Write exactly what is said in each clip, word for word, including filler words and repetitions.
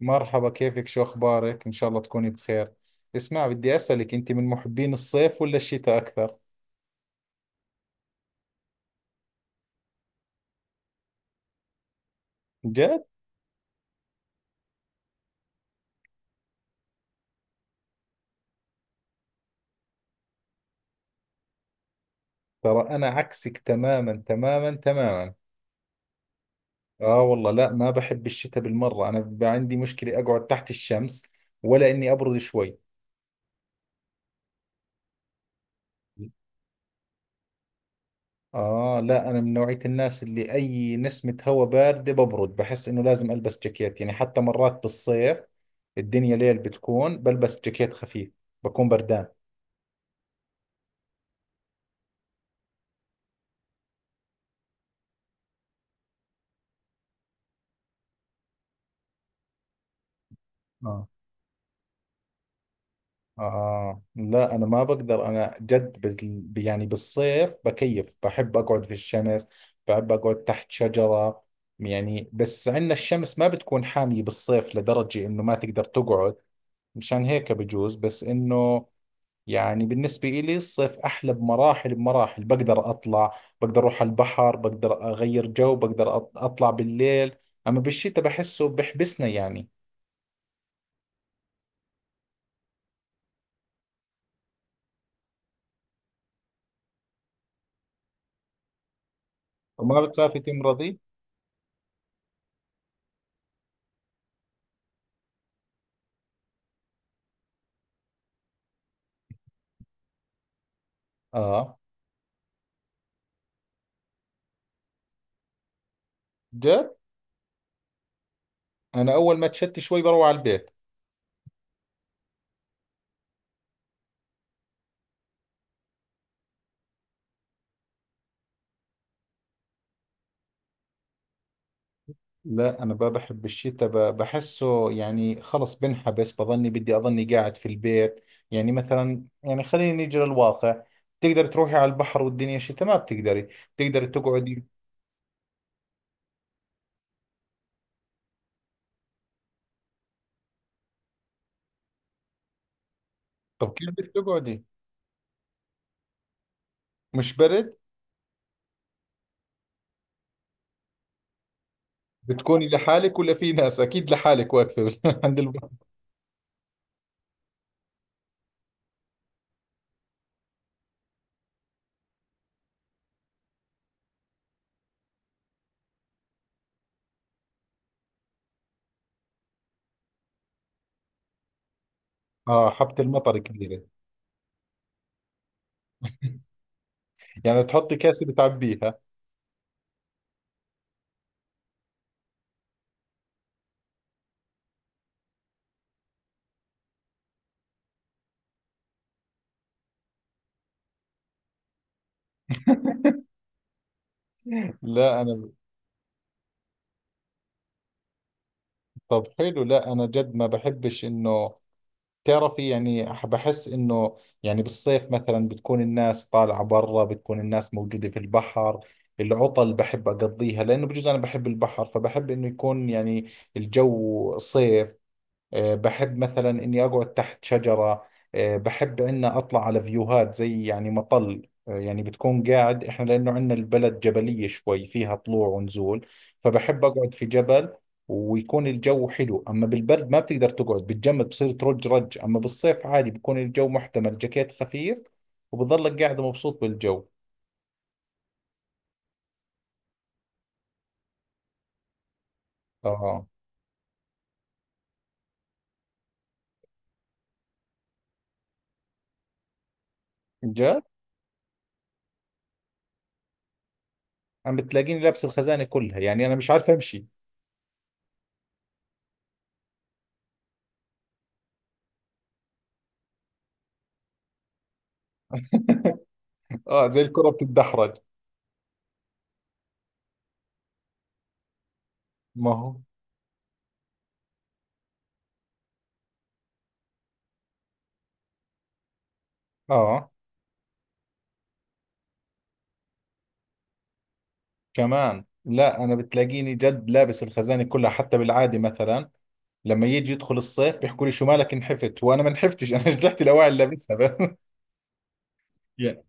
مرحبا، كيفك؟ شو أخبارك؟ إن شاء الله تكوني بخير. اسمع، بدي أسألك، أنت من محبين الصيف ولا الشتاء أكثر؟ جد؟ ترى أنا عكسك تماما تماما تماما. آه والله، لا، ما بحب الشتاء بالمرة. أنا بيبقى عندي مشكلة أقعد تحت الشمس ولا إني أبرد شوي. آه لا، أنا من نوعية الناس اللي أي نسمة هواء باردة ببرد، بحس إنه لازم ألبس جاكيت، يعني حتى مرات بالصيف الدنيا ليل بتكون بلبس جاكيت خفيف، بكون بردان. آه. آه لا، أنا ما بقدر. أنا جد بال... يعني بالصيف بكيف، بحب أقعد في الشمس، بحب أقعد تحت شجرة، يعني بس عندنا الشمس ما بتكون حامية بالصيف لدرجة إنه ما تقدر تقعد. مشان هيك بجوز، بس إنه يعني بالنسبة إلي الصيف أحلى بمراحل بمراحل. بقدر أطلع، بقدر أروح على البحر، بقدر أغير جو، بقدر أط- أطلع بالليل. أما بالشتاء بحسه بحبسنا يعني. وما بتخافي تمرضي؟ آه. جد؟ انا اول ما تشتي شوي بروح على البيت. لا انا ما بحب الشتاء، ب- بحسه يعني خلص بنحبس، بظني بدي اظني قاعد في البيت. يعني مثلا، يعني خلينا نيجي للواقع، تقدر تروحي على البحر والدنيا شتاء؟ ما بتقدري تقدر تقعدي. طب كيف بدك تقعدي؟ مش برد؟ بتكوني لحالك ولا في ناس؟ اكيد لحالك واقفه عند البحر. اه، حبة المطر كبيرة. يعني تحطي كاسة بتعبيها. لا انا. طب حلو، لا انا جد ما بحبش انه، تعرفي يعني أح- بحس انه يعني بالصيف مثلا بتكون الناس طالعة برا، بتكون الناس موجودة في البحر، العطل بحب اقضيها لانه بجوز انا بحب البحر، فبحب انه يكون يعني الجو صيف. آه، بحب مثلا إني أقعد تحت شجرة. آه، بحب إني أطلع على فيوهات، زي يعني مطل. آه، يعني بتكون قاعد، إحنا لأنه عندنا البلد جبلية شوي، فيها طلوع ونزول، فبحب أقعد في جبل ويكون الجو حلو. أما بالبرد ما بتقدر تقعد، بتجمد، بصير ترج رج. أما بالصيف عادي، بكون الجو محتمل، جاكيت خفيف وبظلك قاعد مبسوط بالجو. آه. جد. عم بتلاقيني لابس الخزانة كلها، يعني أنا مش عارف أمشي. آه، زي الكرة بتتدحرج. ما هو. آه كمان. لا انا بتلاقيني جد لابس الخزانه كلها، حتى بالعاده مثلا لما يجي يدخل الصيف بيحكوا لي شو مالك انحفت، وانا ما انحفتش، انا جلعت الاواعي اللي لابسها بس. يعني.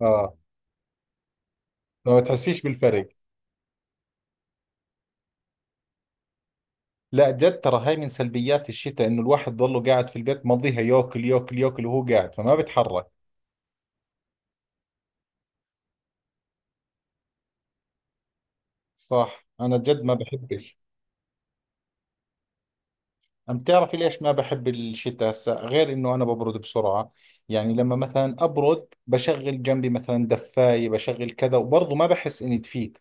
اه، ما بتحسيش بالفرق. لا جد ترى، هاي من سلبيات الشتاء، انه الواحد ضله قاعد في البيت، مضيها ياكل ياكل ياكل وهو قاعد، فما بتحرك. صح. انا جد ما بحبش. عم تعرفي ليش ما بحب الشتاء هسا؟ غير انه انا ببرد بسرعة، يعني لما مثلا ابرد بشغل جنبي مثلا دفاية، بشغل كذا وبرضه ما بحس اني دفيت.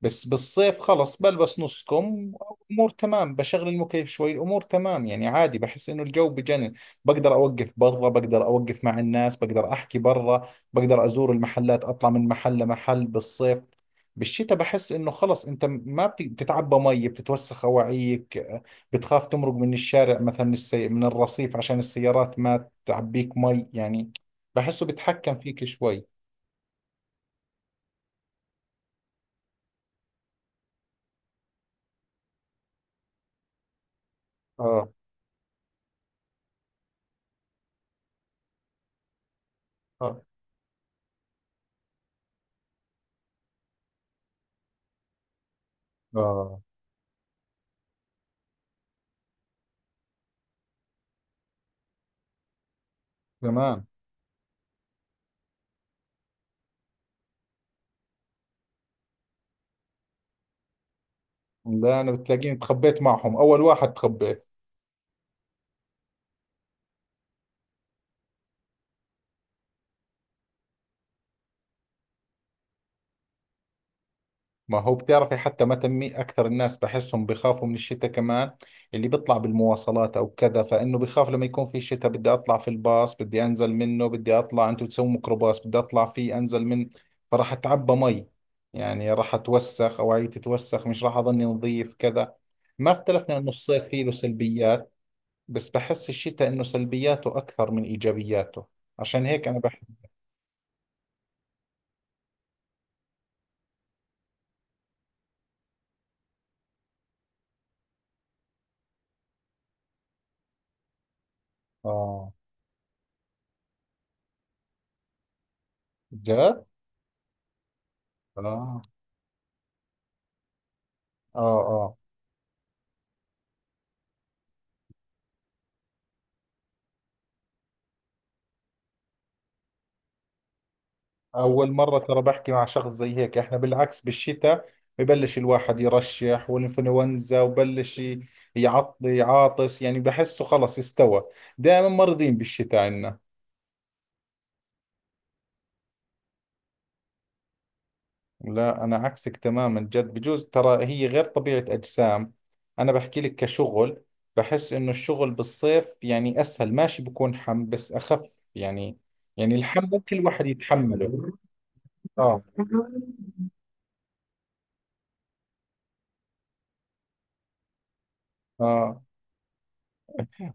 بس بالصيف خلص، بلبس نص كم، امور تمام، بشغل المكيف شوي الامور تمام. يعني عادي، بحس انه الجو بجنن. بقدر اوقف برا، بقدر اوقف مع الناس، بقدر احكي برا، بقدر ازور المحلات، اطلع من محل لمحل بالصيف. بالشتاء بحس انه خلص، انت ما بت- بتتعبى مي، بتتوسخ اواعيك، بتخاف تمرق من الشارع مثلا، السي... من الرصيف عشان السيارات ما تعبيك مي يعني. بحسه بتحكم فيك شوي. اه. اه. اه. تمام. لا انا بتلاقيني تخبيت معهم اول واحد، تخبيت. ما هو بتعرفي، حتى ما تمي اكثر الناس بحسهم بخافوا من الشتاء كمان، اللي بيطلع بالمواصلات او كذا، فانه بخاف لما يكون في شتاء، بدي اطلع في الباص، بدي انزل منه، بدي اطلع، انتم تسووا ميكروباص، بدي اطلع فيه انزل من، فراح اتعبى مي، يعني راح اتوسخ اواعي تتوسخ، مش راح اظني نظيف كذا. ما اختلفنا انه الصيف فيه له سلبيات، بس بحس الشتاء انه سلبياته اكثر من ايجابياته، عشان هيك انا بحب. اه. جد. آه. اه. اه. اول مره ترى بحكي مع شخص زي هيك. احنا بالعكس، بالشتاء ببلش الواحد يرشح والانفلونزا، وبلش ي- يعطي عاطس، يعني بحسه خلص استوى. دائما مرضين بالشتاء عنا. لا انا عكسك تماما جد، بجوز ترى هي غير طبيعه اجسام. انا بحكي لك كشغل، بحس انه الشغل بالصيف يعني اسهل، ماشي بكون حم بس اخف، يعني يعني الحم ممكن الواحد يتحمله. اه. اه.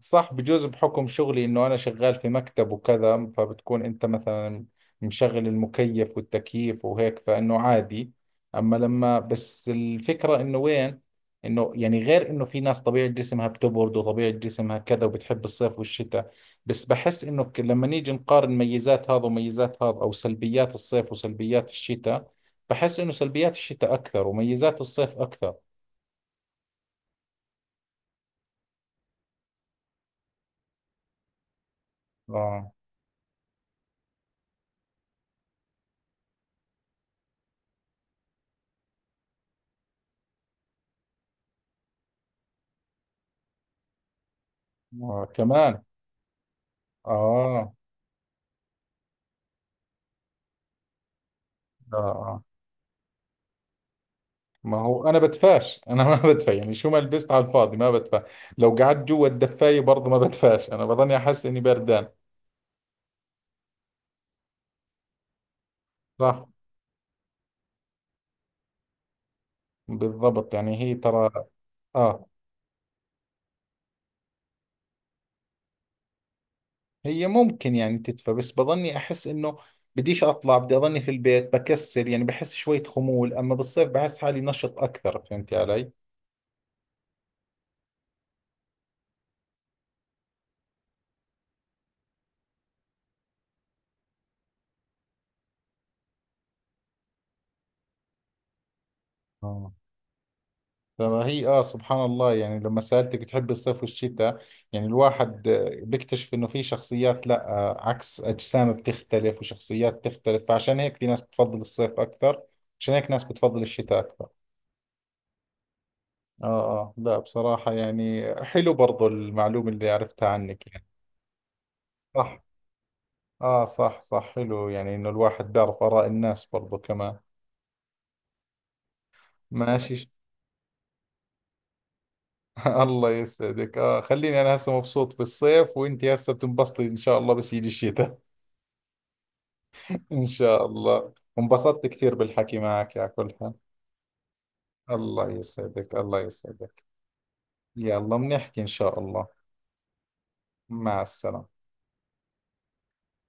صح، بجوز بحكم شغلي انه انا شغال في مكتب وكذا، فبتكون انت مثلا مشغل المكيف والتكييف وهيك، فانه عادي. اما لما بس، الفكرة انه وين، انه يعني غير انه في ناس طبيعة جسمها بتبرد، وطبيعة جسمها كذا، وبتحب الصيف والشتاء. بس بحس انه ك- لما نيجي نقارن ميزات هذا وميزات هذا، او سلبيات الصيف وسلبيات الشتاء، بحس انه سلبيات الشتاء اكثر، وميزات الصيف اكثر. اه. آه. كمان. اه. اه. آه. ما هو انا بدفاش، انا ما بدفى، يعني شو ما لبست على الفاضي ما بدفى. لو قعدت جوا الدفاية برضه ما بدفاش، انا بظني احس اني بردان. صح. بالضبط، يعني هي ترى. اه. هي ممكن يعني تدفى، بس بظني احس انه بديش اطلع، بدي اظني في البيت، بكسل يعني، بحس شوية خمول. اما بالصيف بحس حالي نشط اكثر، فهمتي علي؟ فما هي، اه سبحان الله، يعني لما سألتك بتحب الصيف والشتاء، يعني الواحد آه، بيكتشف انه في شخصيات، لا آه، عكس، اجسام بتختلف وشخصيات تختلف، فعشان هيك في ناس بتفضل الصيف اكثر، عشان هيك ناس بتفضل الشتاء اكثر. اه اه. لا بصراحة، يعني حلو برضو المعلومة اللي عرفتها عنك يعني. صح. اه صح صح، حلو يعني انه الواحد بيعرف اراء الناس برضو كمان. ماشي. ش- الله يسعدك. اه، خليني انا هسه مبسوط بالصيف، وانت هسه بتنبسطي ان شاء الله بس يجي الشتاء. إن شاء الله. انبسطت كثير بالحكي معك على كل حال. الله يسعدك، الله يسعدك. يلا بنحكي إن شاء الله. مع السلامة.